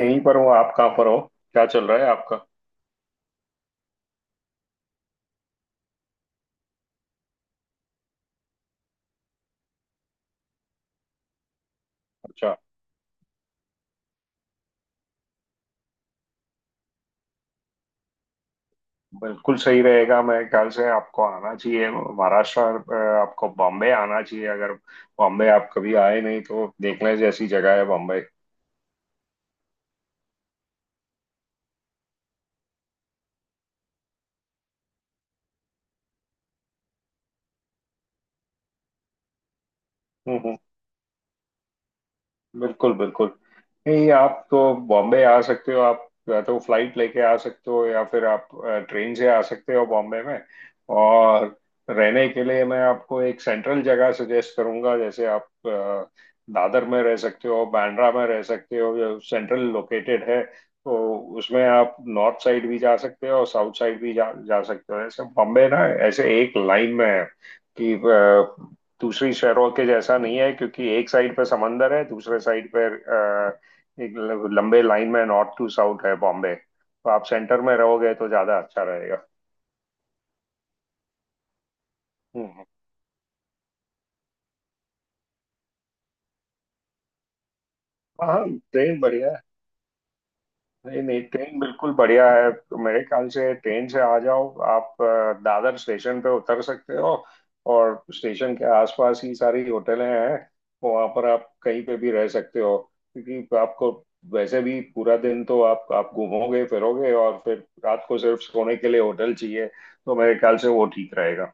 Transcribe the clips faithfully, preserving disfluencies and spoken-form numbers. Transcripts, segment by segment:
यहीं पर हूँ। आप कहाँ पर हो? क्या चल रहा है आपका? अच्छा, बिल्कुल सही रहेगा। मेरे ख्याल से आपको आना चाहिए महाराष्ट्र। अ, आपको बॉम्बे आना चाहिए। अगर बॉम्बे आप कभी आए नहीं, तो देखने जैसी जगह है बॉम्बे। हम्म, हम्म। बिल्कुल बिल्कुल। नहीं, आप तो बॉम्बे आ सकते हो। आप या तो फ्लाइट लेके आ सकते हो या फिर आप ट्रेन से आ सकते हो बॉम्बे में। और रहने के लिए मैं आपको एक सेंट्रल जगह सजेस्ट करूंगा, जैसे आप अ, दादर में रह सकते हो, बांद्रा में रह सकते हो, जो सेंट्रल लोकेटेड है। तो उसमें आप नॉर्थ साइड भी जा सकते हो और साउथ साइड भी जा जा सकते हो। ऐसे बॉम्बे ना ऐसे एक लाइन में है कि अ, दूसरी शहरों के जैसा नहीं है, क्योंकि एक साइड पे समंदर है, दूसरे साइड पे अ, एक ल- लंबे लाइन में नॉर्थ टू साउथ है बॉम्बे। तो आप सेंटर में रहोगे तो ज्यादा अच्छा रहेगा। हम्म। हाँ, ट्रेन बढ़िया। नहीं नहीं, ट्रेन बिल्कुल बढ़िया है। तो मेरे ख्याल से ट्रेन से आ जाओ आप। अ, दादर स्टेशन पे उतर सकते हो और स्टेशन के आसपास ही सारी होटलें हैं। वहाँ पर आप कहीं पे भी रह सकते हो, क्योंकि आपको वैसे भी पूरा दिन तो आप आप घूमोगे फिरोगे, और फिर रात को सिर्फ सोने के लिए होटल चाहिए। तो मेरे ख्याल से वो ठीक रहेगा।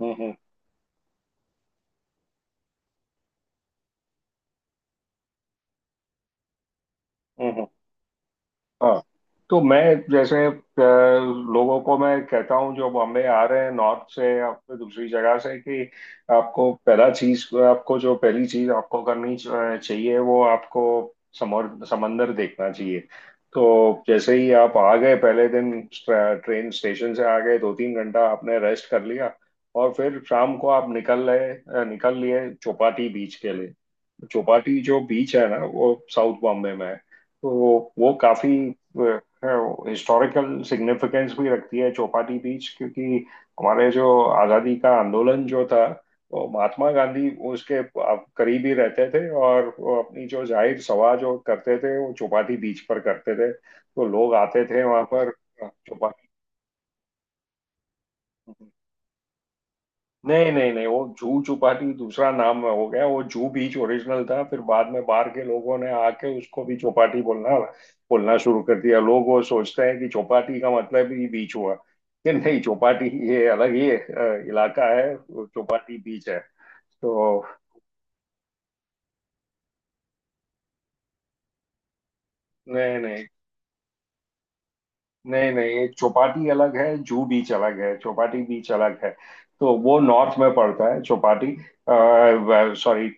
हम्म हम्म हम्म हम्म। हाँ, तो मैं जैसे, अ, लोगों को मैं कहता हूँ जो बॉम्बे आ रहे हैं नॉर्थ से या फिर दूसरी जगह से, कि आपको पहला चीज, आपको जो पहली चीज आपको करनी च- चाहिए, वो आपको समर समंदर देखना चाहिए। तो जैसे ही आप आ गए पहले दिन, ट्रे- ट्रेन स्टेशन से आ गए, दो तीन घंटा आपने रेस्ट कर लिया और फिर शाम को आप निकल रहे अ, निकल लिए चौपाटी बीच के लिए। चौपाटी जो बीच है ना, वो साउथ बॉम्बे में है। तो वो वो काफी हिस्टोरिकल सिग्निफिकेंस भी रखती है चौपाटी बीच, क्योंकि हमारे जो आज़ादी का आंदोलन जो था, वो महात्मा गांधी उसके करीब ही रहते थे, और वो अपनी जो जाहिर सभा जो करते थे वो चौपाटी बीच पर करते थे, तो लोग आते थे वहां पर। चौपाटी नहीं नहीं नहीं, वो जू चौपाटी दूसरा नाम हो गया। वो जू बीच ओरिजिनल था, फिर बाद में बाहर के लोगों ने आके उसको भी चौपाटी बोलना बोलना शुरू कर दिया। लोग वो सोचते हैं कि चौपाटी का मतलब ही बीच हुआ, कि नहीं, चौपाटी ये अलग ही अ, इलाका है, वो चौपाटी बीच है। तो नहीं नहीं, नहीं नहीं, एक चौपाटी अलग है, जू बीच अलग है, चौपाटी बीच अलग है। तो वो नॉर्थ में पड़ता है Chowpatty, sorry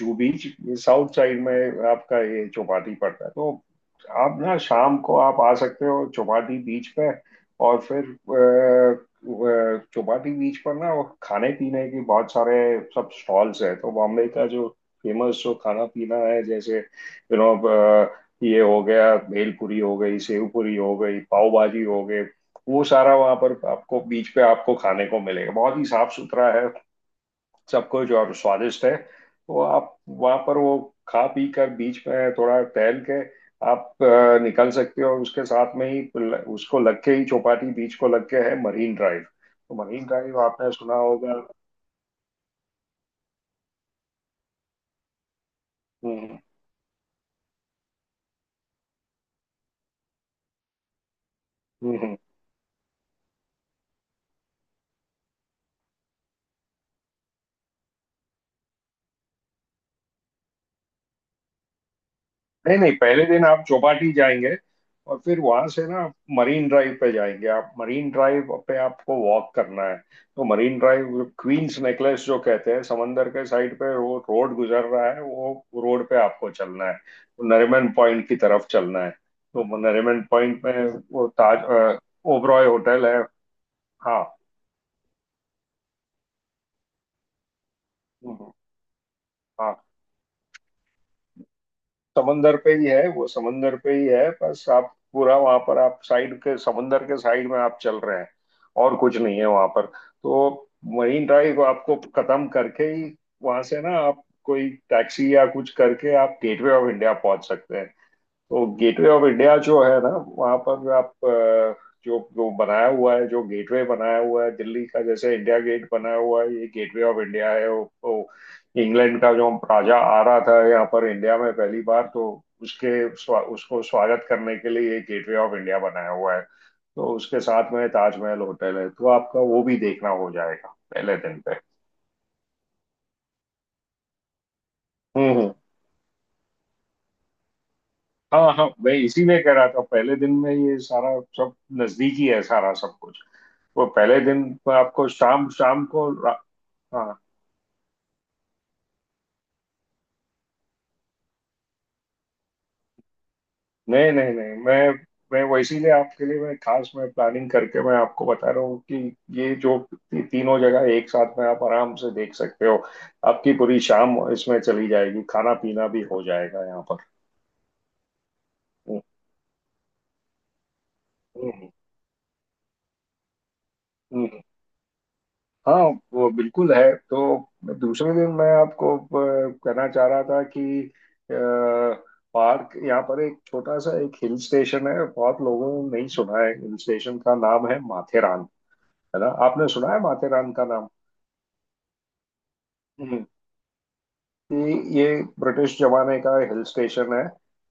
Juhu beach, south side में आपका ये चौपाटी पड़ता है। तो आप ना शाम को आप आ सकते हो चौपाटी बीच पे, और फिर अ, अ, चौपाटी बीच पर ना वो खाने पीने की बहुत सारे सब स्टॉल्स हैं। तो बॉम्बे का जो फेमस जो खाना पीना है, जैसे यू नो ये हो गया भेल पूरी हो गई, सेव पूरी हो गई, पाव भाजी हो गए, वो सारा वहां पर आपको बीच पे आपको खाने को मिलेगा। बहुत ही साफ सुथरा है सब कुछ और स्वादिष्ट है। तो आप वहां पर वो खा पी कर, बीच में थोड़ा टहल के, आप अ, निकल सकते हो। और उसके साथ में ही ल- उसको लग के ही, चौपाटी बीच को लग के है मरीन ड्राइव। तो मरीन ड्राइव आपने सुना होगा। हम्म हम्म हम्म। नहीं नहीं, पहले दिन आप चौपाटी जाएंगे और फिर वहां से ना आप मरीन ड्राइव पे जाएंगे। आप मरीन ड्राइव पे आपको वॉक करना है। तो मरीन ड्राइव, क्वींस नेकलेस जो कहते हैं, समंदर के साइड पे वो रोड गुजर रहा है, वो रोड पे आपको चलना है। वो नरीमन पॉइंट की तरफ चलना है। तो वो नरीमन पॉइंट में वो ताज ओबरॉय होटल है। हाँ। हम्म, हाँ, समंदर पे ही है वो, समंदर पे ही है। बस आप पूरा वहां पर आप साइड के, समंदर के साइड में आप चल रहे हैं, और कुछ नहीं है वहां पर। तो मरीन ड्राइव आपको खत्म करके ही वहां से ना आप कोई टैक्सी या कुछ करके आप गेटवे ऑफ इंडिया पहुंच सकते हैं। तो गेटवे ऑफ इंडिया जो है ना, वहाँ पर आप, अ, जो जो बनाया हुआ है, जो गेटवे बनाया हुआ है, दिल्ली का जैसे इंडिया गेट बनाया हुआ है, ये गेटवे ऑफ इंडिया है। वो, वो इंग्लैंड का जो राजा आ रहा था यहाँ पर इंडिया में पहली बार, तो उसके स्वा, उसको स्वागत करने के लिए ये गेटवे ऑफ इंडिया बनाया हुआ है। तो उसके साथ में ताजमहल होटल है, तो आपका वो भी देखना हो जाएगा पहले दिन पे। हम्म हम्म। हाँ हाँ, मैं इसीलिए कह रहा था पहले दिन में ये सारा सब नजदीक ही है सारा सब कुछ। वो पहले दिन को आपको शाम, शाम को रा- हाँ। नहीं नहीं, नहीं मैं मैं वो इसीलिए आपके लिए मैं खास मैं प्लानिंग करके मैं आपको बता रहा हूँ कि ये जो ती, तीनों जगह एक साथ में आप आराम से देख सकते हो। आपकी पूरी शाम इसमें चली जाएगी, खाना पीना भी हो जाएगा यहाँ पर। हम्म हम्म हम्म, हम्म। हाँ, वो बिल्कुल है। तो दूसरे दिन मैं आपको, अ, कहना चाह रहा था कि अ, पार्क, यहाँ पर एक छोटा सा एक हिल स्टेशन है, बहुत लोगों ने नहीं सुना है। हिल स्टेशन का नाम है माथेरान, है ना? आपने सुना है माथेरान का नाम? कि ये ब्रिटिश जमाने का हिल स्टेशन है।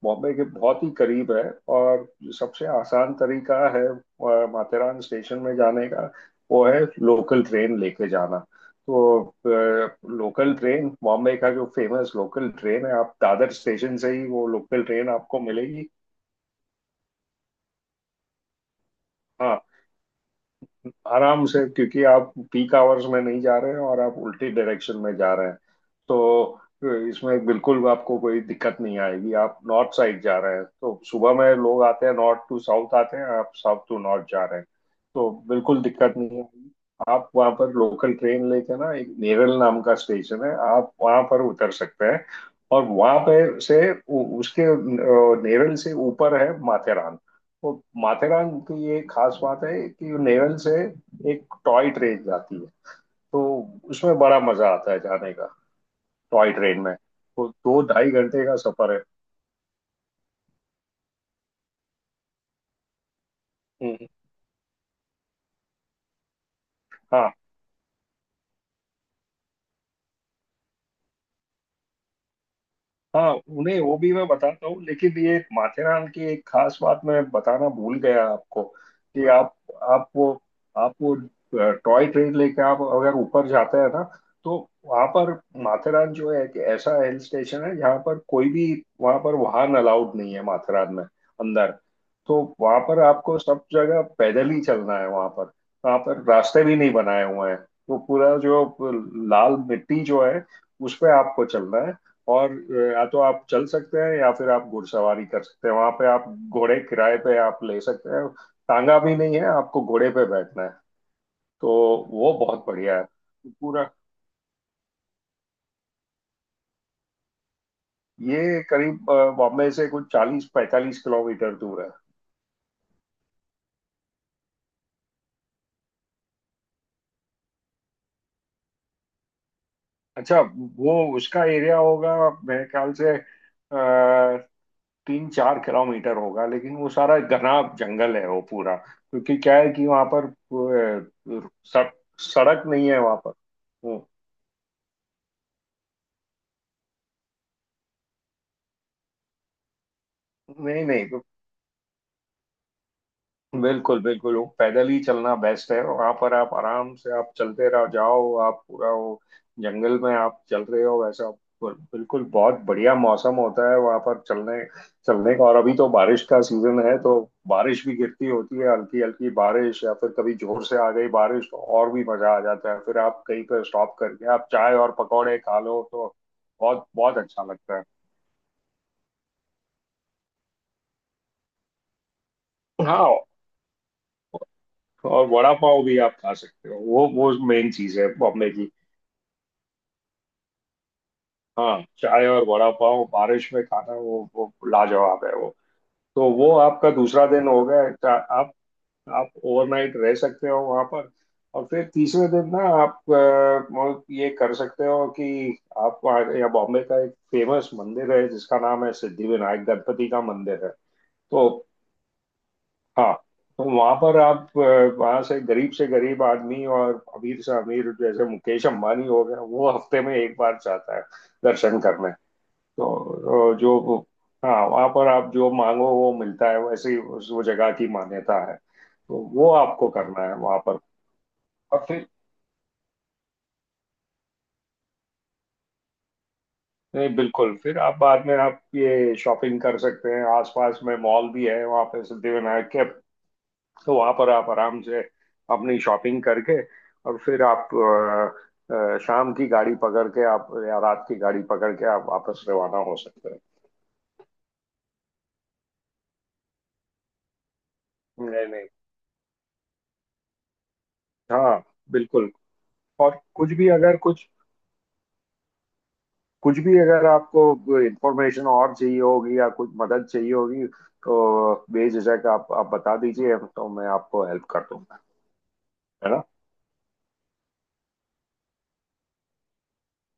बॉम्बे के बहुत ही करीब है। और जो सबसे आसान तरीका है अ, माथेरान स्टेशन में जाने का, वो है लोकल ट्रेन लेके जाना। तो अ, लोकल ट्रेन, बॉम्बे का जो फेमस लोकल ट्रेन है, आप दादर स्टेशन से ही वो लोकल ट्रेन आपको मिलेगी। हाँ, आराम से, क्योंकि आप पीक आवर्स में नहीं जा रहे हैं और आप उल्टी डायरेक्शन में जा रहे हैं। तो इसमें बिल्कुल आपको कोई दिक्कत नहीं आएगी। आप नॉर्थ साइड जा रहे हैं, तो सुबह में लोग आते हैं नॉर्थ टू साउथ आते हैं, आप साउथ टू नॉर्थ जा रहे हैं। तो बिल्कुल दिक्कत नहीं आएगी। आप वहाँ पर लोकल ट्रेन लेके ना एक नेरल नाम का स्टेशन है, आप वहाँ पर उतर सकते हैं। और वहाँ पे से उ- उसके अ, नेरल से ऊपर है माथेरान। वो माथेरान की ये खास बात है कि नेवल से एक टॉय ट्रेन जाती है। तो उसमें बड़ा मजा आता है जाने का, टॉय ट्रेन में। वो दो ढाई घंटे का सफर है। हम्म। हाँ हाँ, उन्हें वो भी मैं बताता हूँ, लेकिन ये एक माथेरान की एक खास बात मैं बताना भूल गया आपको, कि आप, आप वो आप वो टॉय ट्रेन लेके आप अगर ऊपर जाते हैं ना, तो वहाँ पर माथेरान जो है, एक ऐसा हिल स्टेशन है, जहाँ पर कोई भी वहाँ पर वाहन अलाउड नहीं है, माथेरान में अंदर। तो वहाँ पर आपको सब जगह पैदल ही चलना है। वहाँ पर, वहाँ पर रास्ते भी नहीं बनाए हुए हैं, तो पूरा जो लाल मिट्टी जो है, उस पे आपको चलना है। और अ, या तो आप चल सकते हैं या फिर आप घुड़सवारी कर सकते हैं, वहां पे आप घोड़े किराए पे आप ले सकते हैं। टांगा भी नहीं है, आपको घोड़े पे बैठना है। तो वो बहुत बढ़िया है। पूरा ये करीब अ, बॉम्बे से कुछ चालीस पैंतालीस किलोमीटर दूर है। अच्छा, वो उसका एरिया होगा मेरे ख्याल से आ, तीन चार किलोमीटर होगा, लेकिन वो सारा घना जंगल है वो पूरा, क्योंकि क्या है कि वहां पर अ, सड़- सड़क नहीं है वहां पर। वो- नहीं नहीं, बिल्कुल बिल्कुल वो पैदल ही चलना बेस्ट है। वहां पर आप आराम से आप चलते रहो, जाओ, आप पूरा वो जंगल में आप चल रहे हो वैसा। बिल्कुल बिल्कुल, बहुत बढ़िया मौसम होता है वहां पर चलने चलने का। और अभी तो बारिश का सीजन है, तो बारिश भी गिरती होती है, हल्की हल्की बारिश, या फिर कभी जोर से आ गई बारिश तो और भी मजा आ जाता है। फिर आप कहीं पर स्टॉप करके आप चाय और पकौड़े खा लो, तो बहुत बहुत अच्छा लगता है। हाँ, और वड़ा पाव भी आप खा सकते हो, वो वो मेन चीज है बॉम्बे की। हाँ, चाय और वड़ा पाव बारिश में खाना, वो वो लाजवाब है वो। तो वो आपका दूसरा दिन हो गया। चा- आप आप ओवरनाइट रह सकते हो वहां पर। और फिर तीसरे दिन ना आप, अ, वो ये कर सकते हो कि आप वहाँ- या बॉम्बे का एक फेमस मंदिर है जिसका नाम है सिद्धि विनायक गणपति का मंदिर है। तो हाँ, तो वहां पर आप, अ, वहां से गरीब से गरीब आदमी और अमीर से अमीर, जैसे मुकेश अंबानी हो गया, वो हफ्ते में एक बार जाता है दर्शन करने। तो अ, जो वो- हाँ, वहां पर आप जो मांगो वो मिलता है, वैसे ही उस, वो जगह की मान्यता है। तो वो आपको करना है वहां पर। और फिर नहीं, बिल्कुल, फिर आप बाद में आप ये शॉपिंग कर सकते हैं, आसपास में मॉल भी है वहां पे सिद्धिविनायक के। तो वहां पर आप आराम से अपनी शॉपिंग करके, और फिर आप अ, अ, शाम की गाड़ी पकड़ के आप, या रात की गाड़ी पकड़ के आप वापस रवाना हो सकते हैं। नहीं नहीं। हाँ, बिल्कुल। और कुछ भी अगर कुछ, कुछ भी अगर आपको इंफॉर्मेशन और चाहिए होगी या कुछ मदद चाहिए होगी, तो बेझिझक आप आप बता दीजिए, तो मैं आपको हेल्प कर दूंगा। है ना?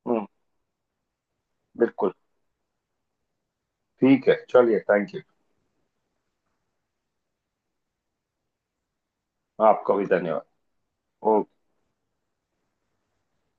हम्म। बिल्कुल। ठीक है, चलिए, थैंक यू। आपका भी धन्यवाद। ओके।